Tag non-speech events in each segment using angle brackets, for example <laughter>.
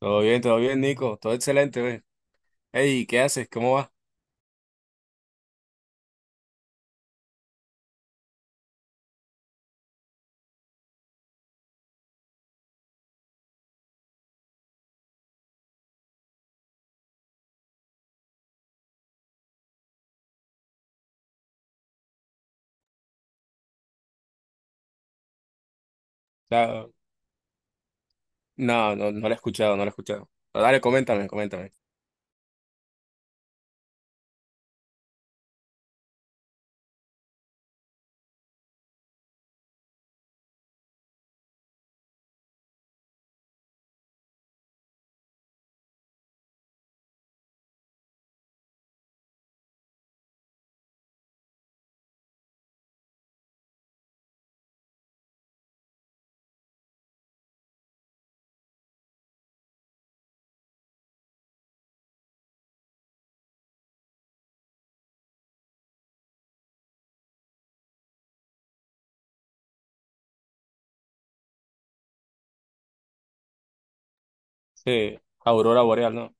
Todo bien, Nico. Todo excelente, ve. Hey, ¿qué haces? ¿Cómo vas? Ya- no, no, no la he escuchado, no la he escuchado. Pero dale, coméntame, coméntame. Sí, Aurora Boreal, ¿no?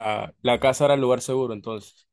Ah, la casa era el lugar seguro, entonces.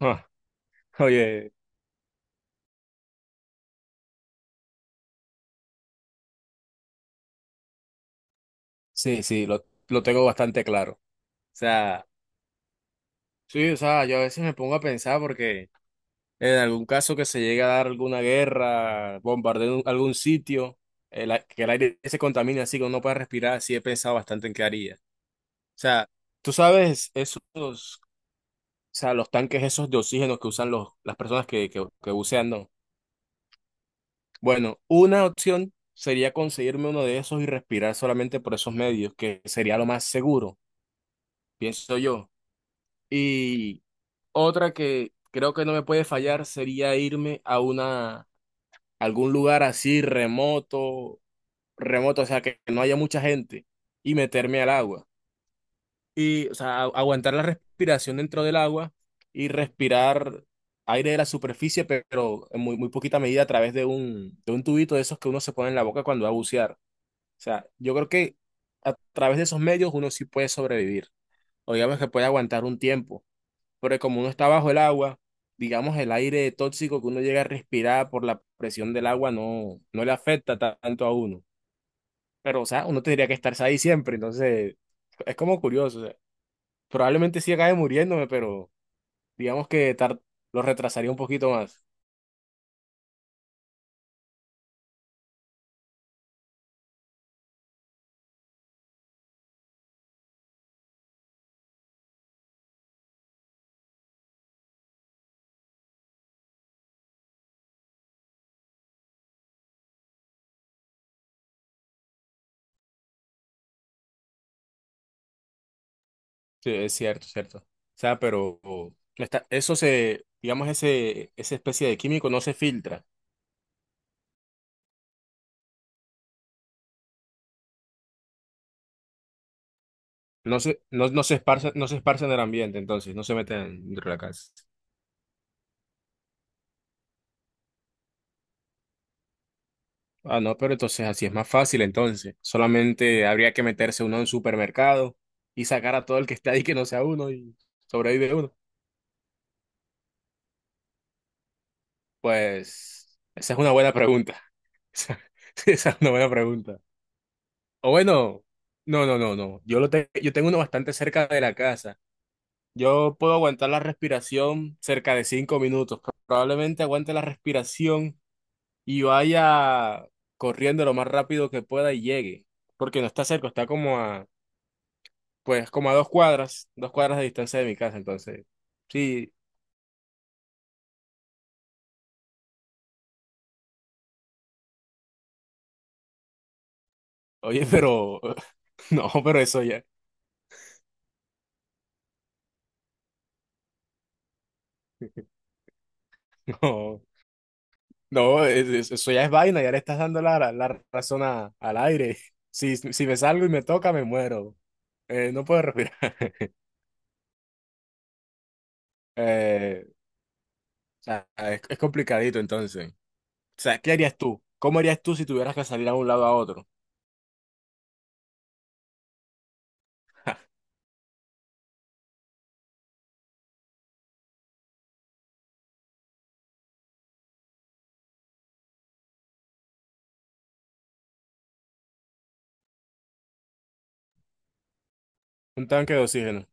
Ah, <laughs> oye, sí, sí, lo tengo bastante claro. O sea, sí, o sea, yo a veces me pongo a pensar porque en algún caso que se llegue a dar alguna guerra, bombardeo en algún sitio, que el aire se contamine así, que uno no pueda respirar, sí he pensado bastante en qué haría. O sea, tú sabes, esos, o sea, los tanques esos de oxígeno que usan las personas que bucean, no. Bueno, una opción sería conseguirme uno de esos y respirar solamente por esos medios, que sería lo más seguro, pienso yo. Y otra que creo que no me puede fallar sería irme a una, algún lugar así remoto, remoto, o sea, que no haya mucha gente y meterme al agua. Y, o sea, aguantar la respiración dentro del agua y respirar aire de la superficie, pero en muy, muy poquita medida a través de un tubito de esos que uno se pone en la boca cuando va a bucear. O sea, yo creo que a través de esos medios uno sí puede sobrevivir, o digamos que puede aguantar un tiempo, pero como uno está bajo el agua, digamos el aire tóxico que uno llega a respirar por la presión del agua no, no le afecta tanto a uno. Pero, o sea, uno tendría que estarse ahí siempre, entonces es como curioso. Probablemente sí acabe muriéndome, pero digamos que lo retrasaría un poquito más. Sí, es cierto, cierto. O sea, pero eso se, digamos, ese, esa especie de químico no se filtra, no se esparce, no se esparce en el ambiente, entonces, no se mete dentro de la casa. Ah, no, pero entonces así es más fácil, entonces. Solamente habría que meterse uno en un supermercado y sacar a todo el que está ahí que no sea uno y sobrevive uno. Pues, esa es una buena pregunta. <laughs> Esa esa es una buena pregunta. O bueno, no, no, no, no. Yo tengo uno bastante cerca de la casa. Yo puedo aguantar la respiración cerca de 5 minutos. Probablemente aguante la respiración y vaya corriendo lo más rápido que pueda y llegue. Porque no está cerca, está como a, pues, como a 2 cuadras, 2 cuadras de distancia de mi casa. Entonces, sí, oye, pero, <laughs> no, pero eso ya, <laughs> no, no, eso ya es vaina, ya le estás dando la, la razón al aire. <laughs> Si, si me salgo y me toca, me muero. No puedo respirar. <laughs> Eh, o sea, es complicadito entonces. O sea, ¿qué harías tú? ¿Cómo harías tú si tuvieras que salir a un lado a otro? <laughs> Un tanque de oxígeno.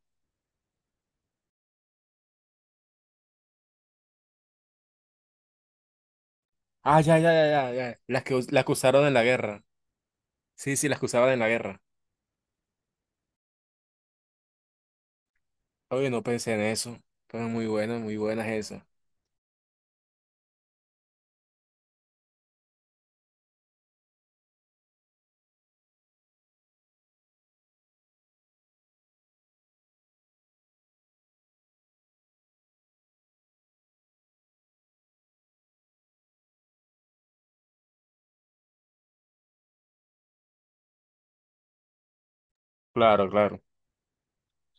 Ah, ya, ya, ya, ya, ya. Las que, las que usaron en la guerra. Sí, sí, las que usaban en la guerra. Oye, no pensé en eso. Pero muy buenas esas. Claro, claro.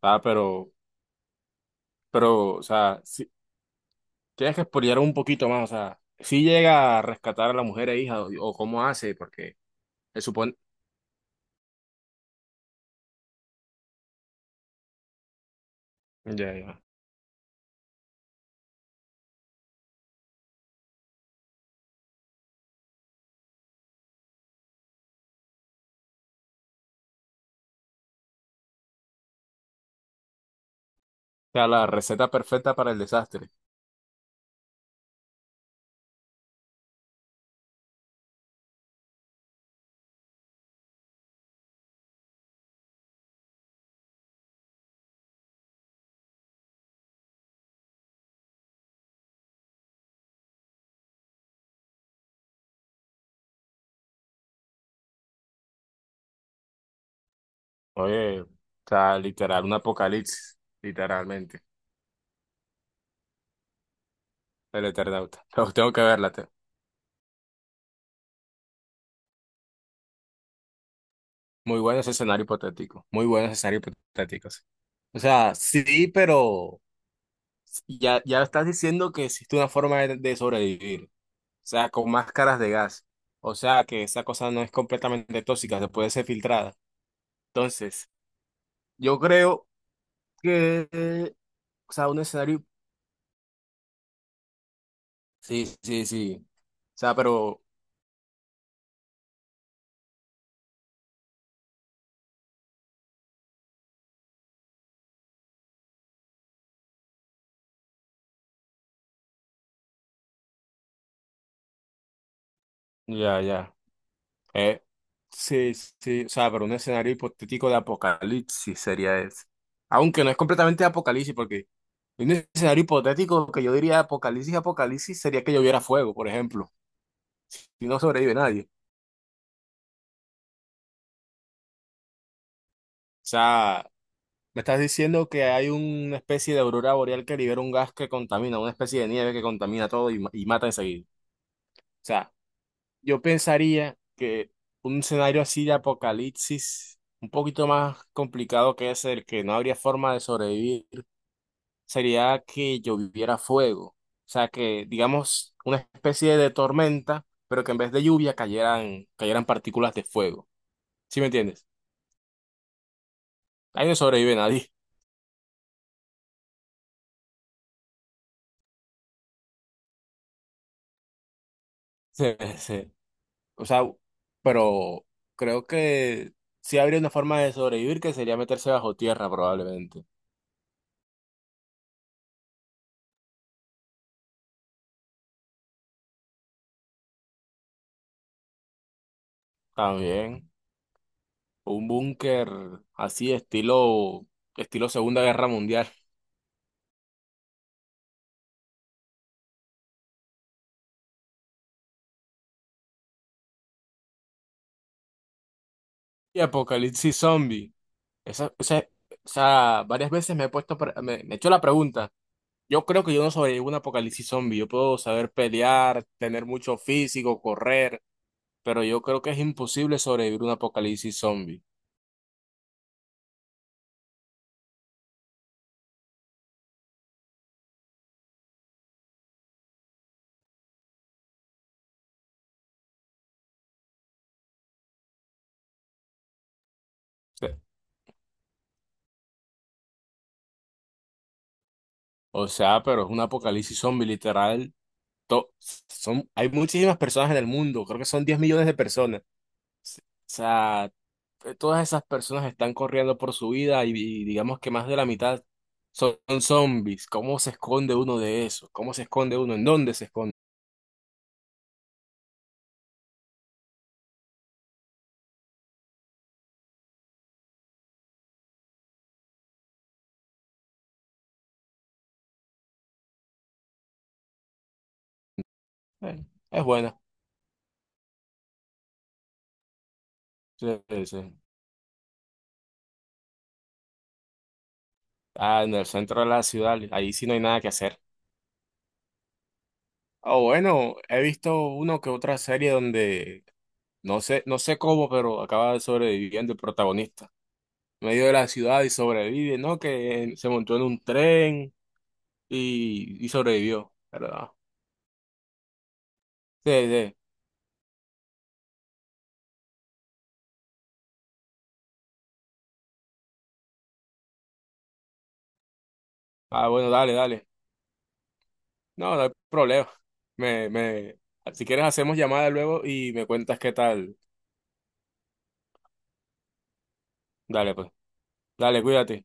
Ah, pero, o sea, si, tienes que explorar un poquito más. O sea, si llega a rescatar a la mujer e hija o cómo hace, porque se supone... Ya, ya. O sea, la receta perfecta para el desastre. Oye, o sea, literal, un apocalipsis, literalmente, el Eternauta. <laughs> Pero tengo que verla. Muy bueno ese escenario hipotético, muy buenos escenarios hipotéticos. O sea, sí, pero ya, ya estás diciendo que existe una forma de sobrevivir, o sea, con máscaras de gas. O sea, que esa cosa no es completamente tóxica, se puede ser filtrada. Entonces, yo creo que, o sea, un escenario, sí, sí, sí. O sea, pero, ya, ya. Eh, sí, sí, o sea, pero un escenario hipotético de apocalipsis sería ese. Aunque no es completamente apocalipsis, porque un escenario hipotético que yo diría apocalipsis, apocalipsis sería que lloviera fuego, por ejemplo, y no sobrevive nadie. O sea, me estás diciendo que hay una especie de aurora boreal que libera un gas que contamina, una especie de nieve que contamina todo y, y mata enseguida. O sea, yo pensaría que un escenario así de apocalipsis, un poquito más complicado que ese, el que no habría forma de sobrevivir sería que lloviera fuego. O sea, que digamos una especie de tormenta, pero que en vez de lluvia cayeran, cayeran partículas de fuego. ¿Sí me entiendes? Ahí no sobrevive nadie. <laughs> Sí, sí. O sea, pero creo que sí habría una forma de sobrevivir que sería meterse bajo tierra probablemente. También un búnker así estilo estilo Segunda Guerra Mundial. <laughs> Y Apocalipsis Zombie. Esa, o sea, varias veces me he puesto, me he hecho la pregunta. Yo creo que yo no sobrevivo a un apocalipsis zombie. Yo puedo saber pelear, tener mucho físico, correr, pero yo creo que es imposible sobrevivir a un apocalipsis zombie. Sí. O sea, pero es un apocalipsis zombie literal. to- Son, hay muchísimas personas en el mundo, creo que son 10 millones de personas. O sea, todas esas personas están corriendo por su vida y digamos que más de la mitad son, son zombies. ¿Cómo se esconde uno de eso? ¿Cómo se esconde uno? ¿En dónde se esconde? Eh, es buena. Sí, sí, sí. Ah, en el centro de la ciudad, ahí sí no hay nada que hacer. O bueno, he visto uno que otra serie donde no sé, no sé cómo, pero acaba sobreviviendo el protagonista. En medio de la ciudad y sobrevive, ¿no? Que se montó en un tren y sobrevivió, ¿verdad? Sí, sí. Ah, bueno, dale, dale. No, no hay problema. Me, si quieres hacemos llamada luego y me cuentas qué tal. Dale, pues. Dale, cuídate.